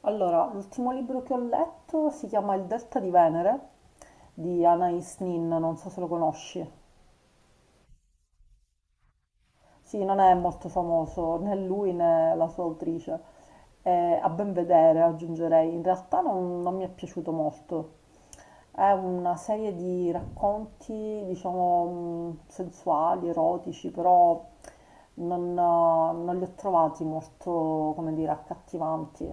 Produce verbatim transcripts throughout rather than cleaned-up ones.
Allora, l'ultimo libro che ho letto si chiama Il Delta di Venere di Anais Nin, non so se lo conosci. Sì, non è molto famoso né lui né la sua autrice. Eh, A ben vedere, aggiungerei, in realtà non, non mi è piaciuto molto. È una serie di racconti, diciamo, mh, sensuali, erotici, però non, eh, non li ho trovati molto, come dire, accattivanti.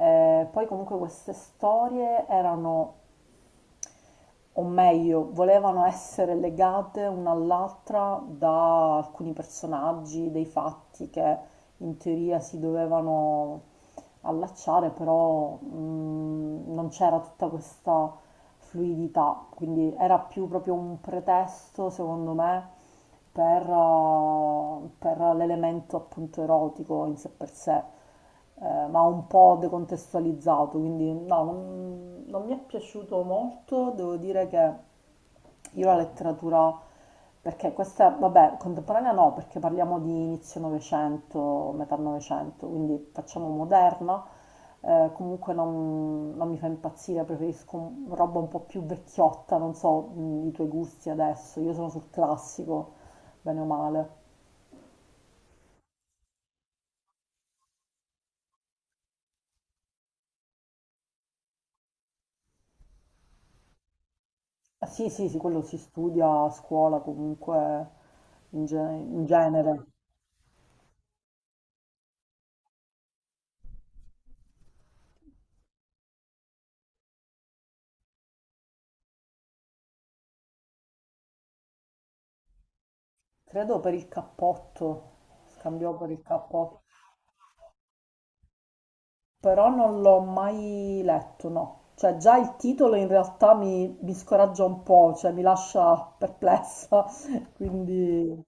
Eh, poi comunque queste storie erano o meglio, volevano essere legate una all'altra da alcuni personaggi, dei fatti che in teoria si dovevano allacciare, però mm, non c'era tutta questa fluidità, quindi era più proprio un pretesto, secondo me, per, eh, per l'elemento appunto erotico in sé per sé, eh, ma un po' decontestualizzato, quindi no, non, non mi è piaciuto molto, devo dire che io la letteratura, perché questa, vabbè, contemporanea no, perché parliamo di inizio Novecento, metà Novecento, quindi facciamo moderna, eh, comunque non, non mi fa impazzire, preferisco un- roba un po' più vecchiotta, non so mh, i tuoi gusti adesso, io sono sul classico bene o male. Ah, sì, sì, sì, quello si studia a scuola comunque in, ge- in genere. Credo per il cappotto, scambiò per il cappotto, però non l'ho mai letto, no. Cioè già il titolo in realtà mi, mi scoraggia un po', cioè mi lascia perplessa, quindi...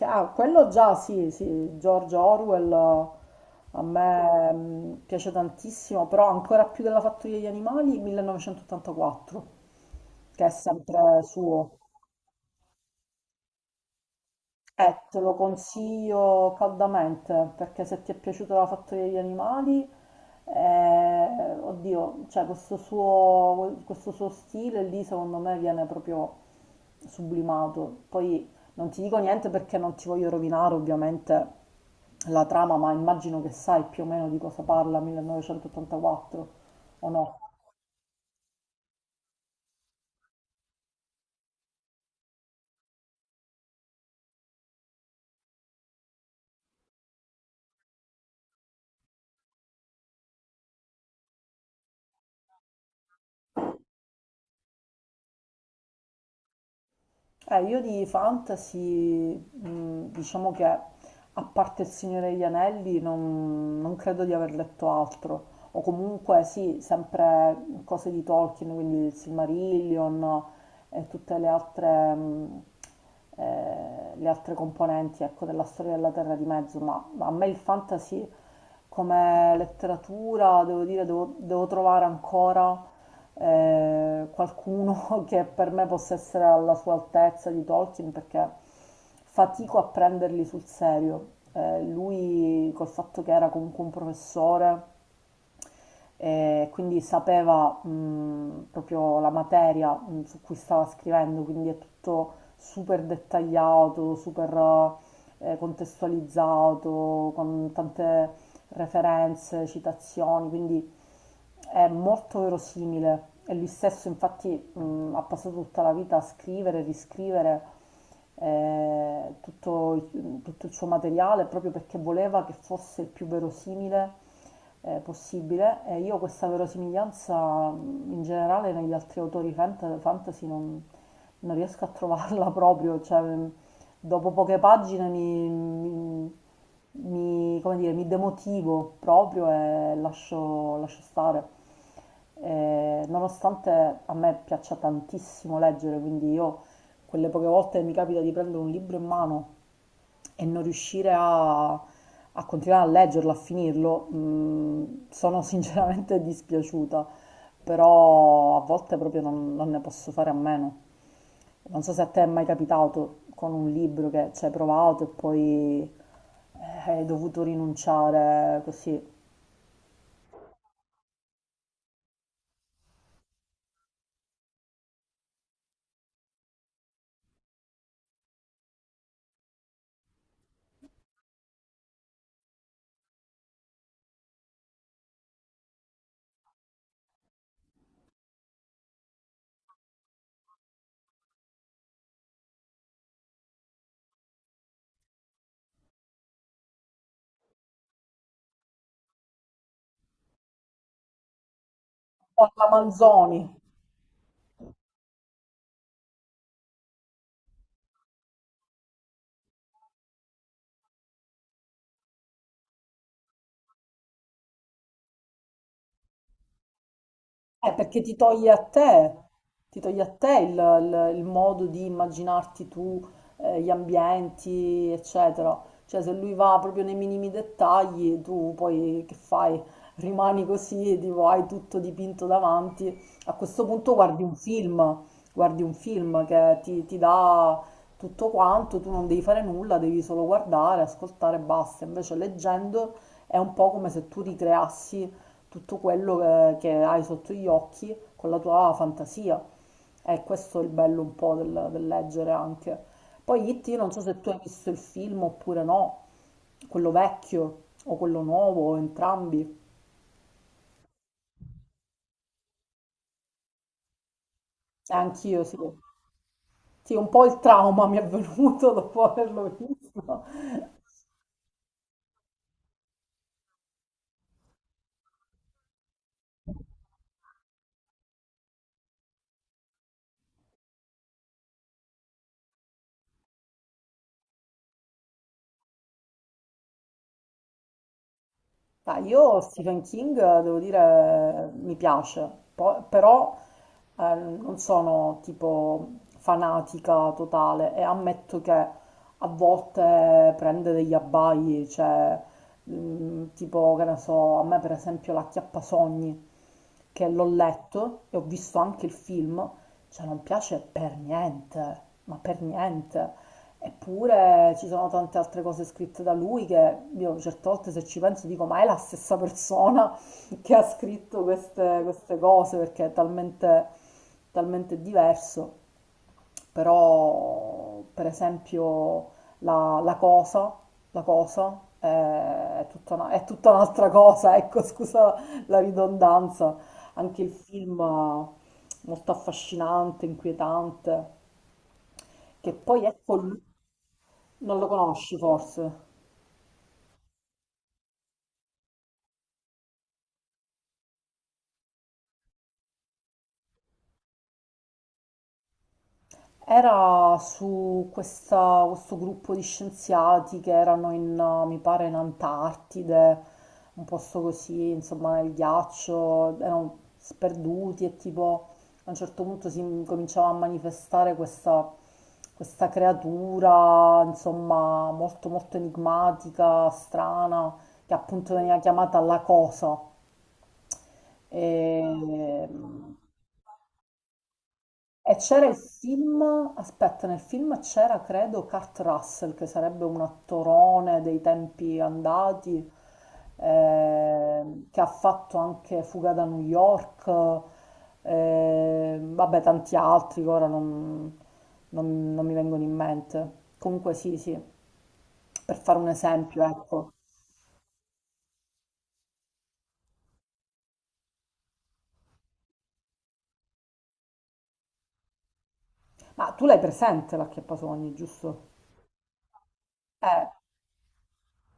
Ah, quello già, sì, sì, George Orwell eh, a me mm, piace tantissimo, però ancora più della Fattoria degli animali, millenovecentottantaquattro, che è sempre suo. Eh, te lo consiglio caldamente perché se ti è piaciuta la fattoria degli animali, eh, oddio, cioè questo suo, questo suo stile lì secondo me viene proprio sublimato. Poi non ti dico niente perché non ti voglio rovinare ovviamente la trama, ma immagino che sai più o meno di cosa parla millenovecentottantaquattro o no? Eh, io di fantasy, mh, diciamo che a parte Il Signore degli Anelli non, non credo di aver letto altro, o comunque sì, sempre cose di Tolkien, quindi il Silmarillion e tutte le altre, mh, eh, le altre componenti, ecco, della storia della Terra di Mezzo, ma, ma a me il fantasy come letteratura, devo dire, devo, devo trovare ancora eh, qualcuno che per me possa essere alla sua altezza di Tolkien perché fatico a prenderli sul serio. Eh, lui col fatto che era comunque un professore e quindi sapeva mh, proprio la materia mh, su cui stava scrivendo, quindi è tutto super dettagliato, super eh, contestualizzato, con tante referenze, citazioni, quindi è molto verosimile e lui stesso infatti mh, ha passato tutta la vita a scrivere, riscrivere eh, tutto, il- tutto il suo materiale proprio perché voleva che fosse il più verosimile eh, possibile e io questa verosimiglianza mh, in generale negli altri autori fant- fantasy non, non riesco a trovarla proprio, cioè mh, dopo poche pagine mi, mi- mi- come dire, mi demotivo proprio e lascio, lascio stare. Eh, nonostante a me piaccia tantissimo leggere, quindi io quelle poche volte mi capita di prendere un libro in mano e non riuscire a, a continuare a leggerlo, a finirlo, mh, sono sinceramente dispiaciuta, però a volte proprio non non ne posso fare a meno. Non so se a te è mai capitato con un libro che ci hai provato e poi eh, hai dovuto rinunciare così. O alla Manzoni. Eh, perché ti toglie a te, ti toglie a te il, il- il modo di immaginarti tu, eh, gli ambienti, eccetera. Cioè, se lui va proprio nei minimi dettagli, tu poi che fai? Rimani così, tipo, hai tutto dipinto davanti. A questo punto guardi un film, guardi un film che ti, ti dà tutto quanto, tu non devi fare nulla, devi solo guardare, ascoltare e basta. Invece leggendo è un po' come se tu ricreassi tutto quello che, che hai sotto gli occhi con la tua fantasia. E questo è il bello un po' del, del leggere anche. Poi It, io non so se tu hai visto il film oppure no, quello vecchio o quello nuovo, o entrambi. E anch'io sì. Sì, un po' il trauma mi è venuto dopo averlo visto. Ah, io Stephen King, eh, devo dire, mi piace, Po- però eh, non sono tipo fanatica totale e ammetto che a volte prende degli abbai, cioè mm, tipo, che ne so, a me per esempio La Chiappasogni, che l'ho letto e ho visto anche il film, cioè non piace per niente, ma per niente. Eppure ci sono tante altre cose scritte da lui che io certe volte se ci penso dico ma è la stessa persona che ha scritto queste, queste cose perché è talmente, talmente diverso. Però per esempio la, la cosa, la cosa eh, è tutta una- è tutta un'altra cosa, ecco scusa la ridondanza. Anche il film molto affascinante, inquietante, che poi è con lui. Non lo conosci forse. Era su questa- questo gruppo di scienziati che erano in, eh, mi pare, in Antartide, un posto così, insomma, nel ghiaccio, erano sperduti e tipo a un certo punto si cominciava a manifestare questa, questa creatura, insomma, molto molto enigmatica, strana, che appunto veniva chiamata la cosa. E, E c'era il film, aspetta, nel film c'era credo Kurt Russell che sarebbe un attorone dei tempi andati, eh, che ha fatto anche Fuga da New York, eh, vabbè tanti altri che ora non, non- non mi vengono in mente. Comunque sì, sì, per fare un esempio, ecco. Ma tu l'hai presente l'acchiappasogni, giusto? Eh.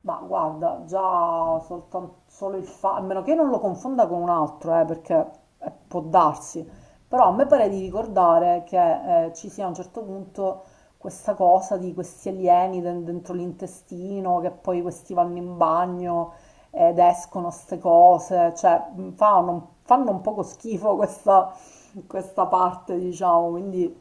Ma guarda, già soltan- solo il fatto, a meno che non lo confonda con un altro, eh, perché eh, può darsi, però a me pare di ricordare che eh, ci sia a un certo punto questa cosa di questi alieni den- dentro l'intestino, che poi questi vanno in bagno ed escono ste cose, cioè mh, fa un- fanno un poco schifo questa, questa parte, diciamo, quindi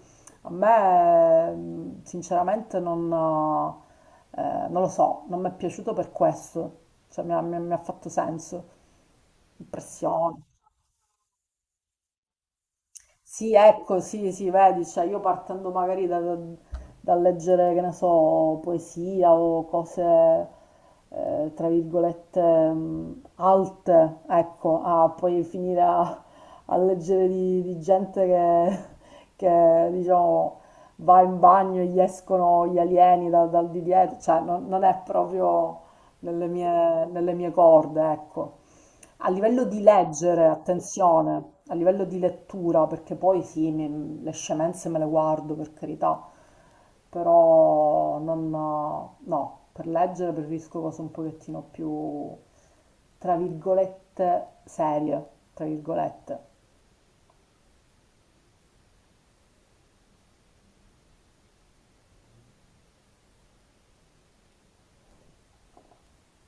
a me mh, sinceramente non... eh, eh, non lo so, non mi è piaciuto per questo, cioè mi ha, mi ha- mi ha fatto senso, impressione. Sì, ecco, sì, sì, vedi, cioè io partendo magari da, da da leggere, che ne so, poesia o cose, eh, tra virgolette, mh, alte, ecco, a poi finire a, a leggere di, di gente che, che, diciamo, va in bagno e gli escono gli alieni da- dal di dietro, cioè non, non è proprio nelle mie, nelle mie corde, ecco. A livello di leggere, attenzione, a livello di lettura, perché poi sì, mi- le scemenze me le guardo per carità, però non, no, per leggere preferisco cose un pochettino più, tra virgolette, serie, tra virgolette.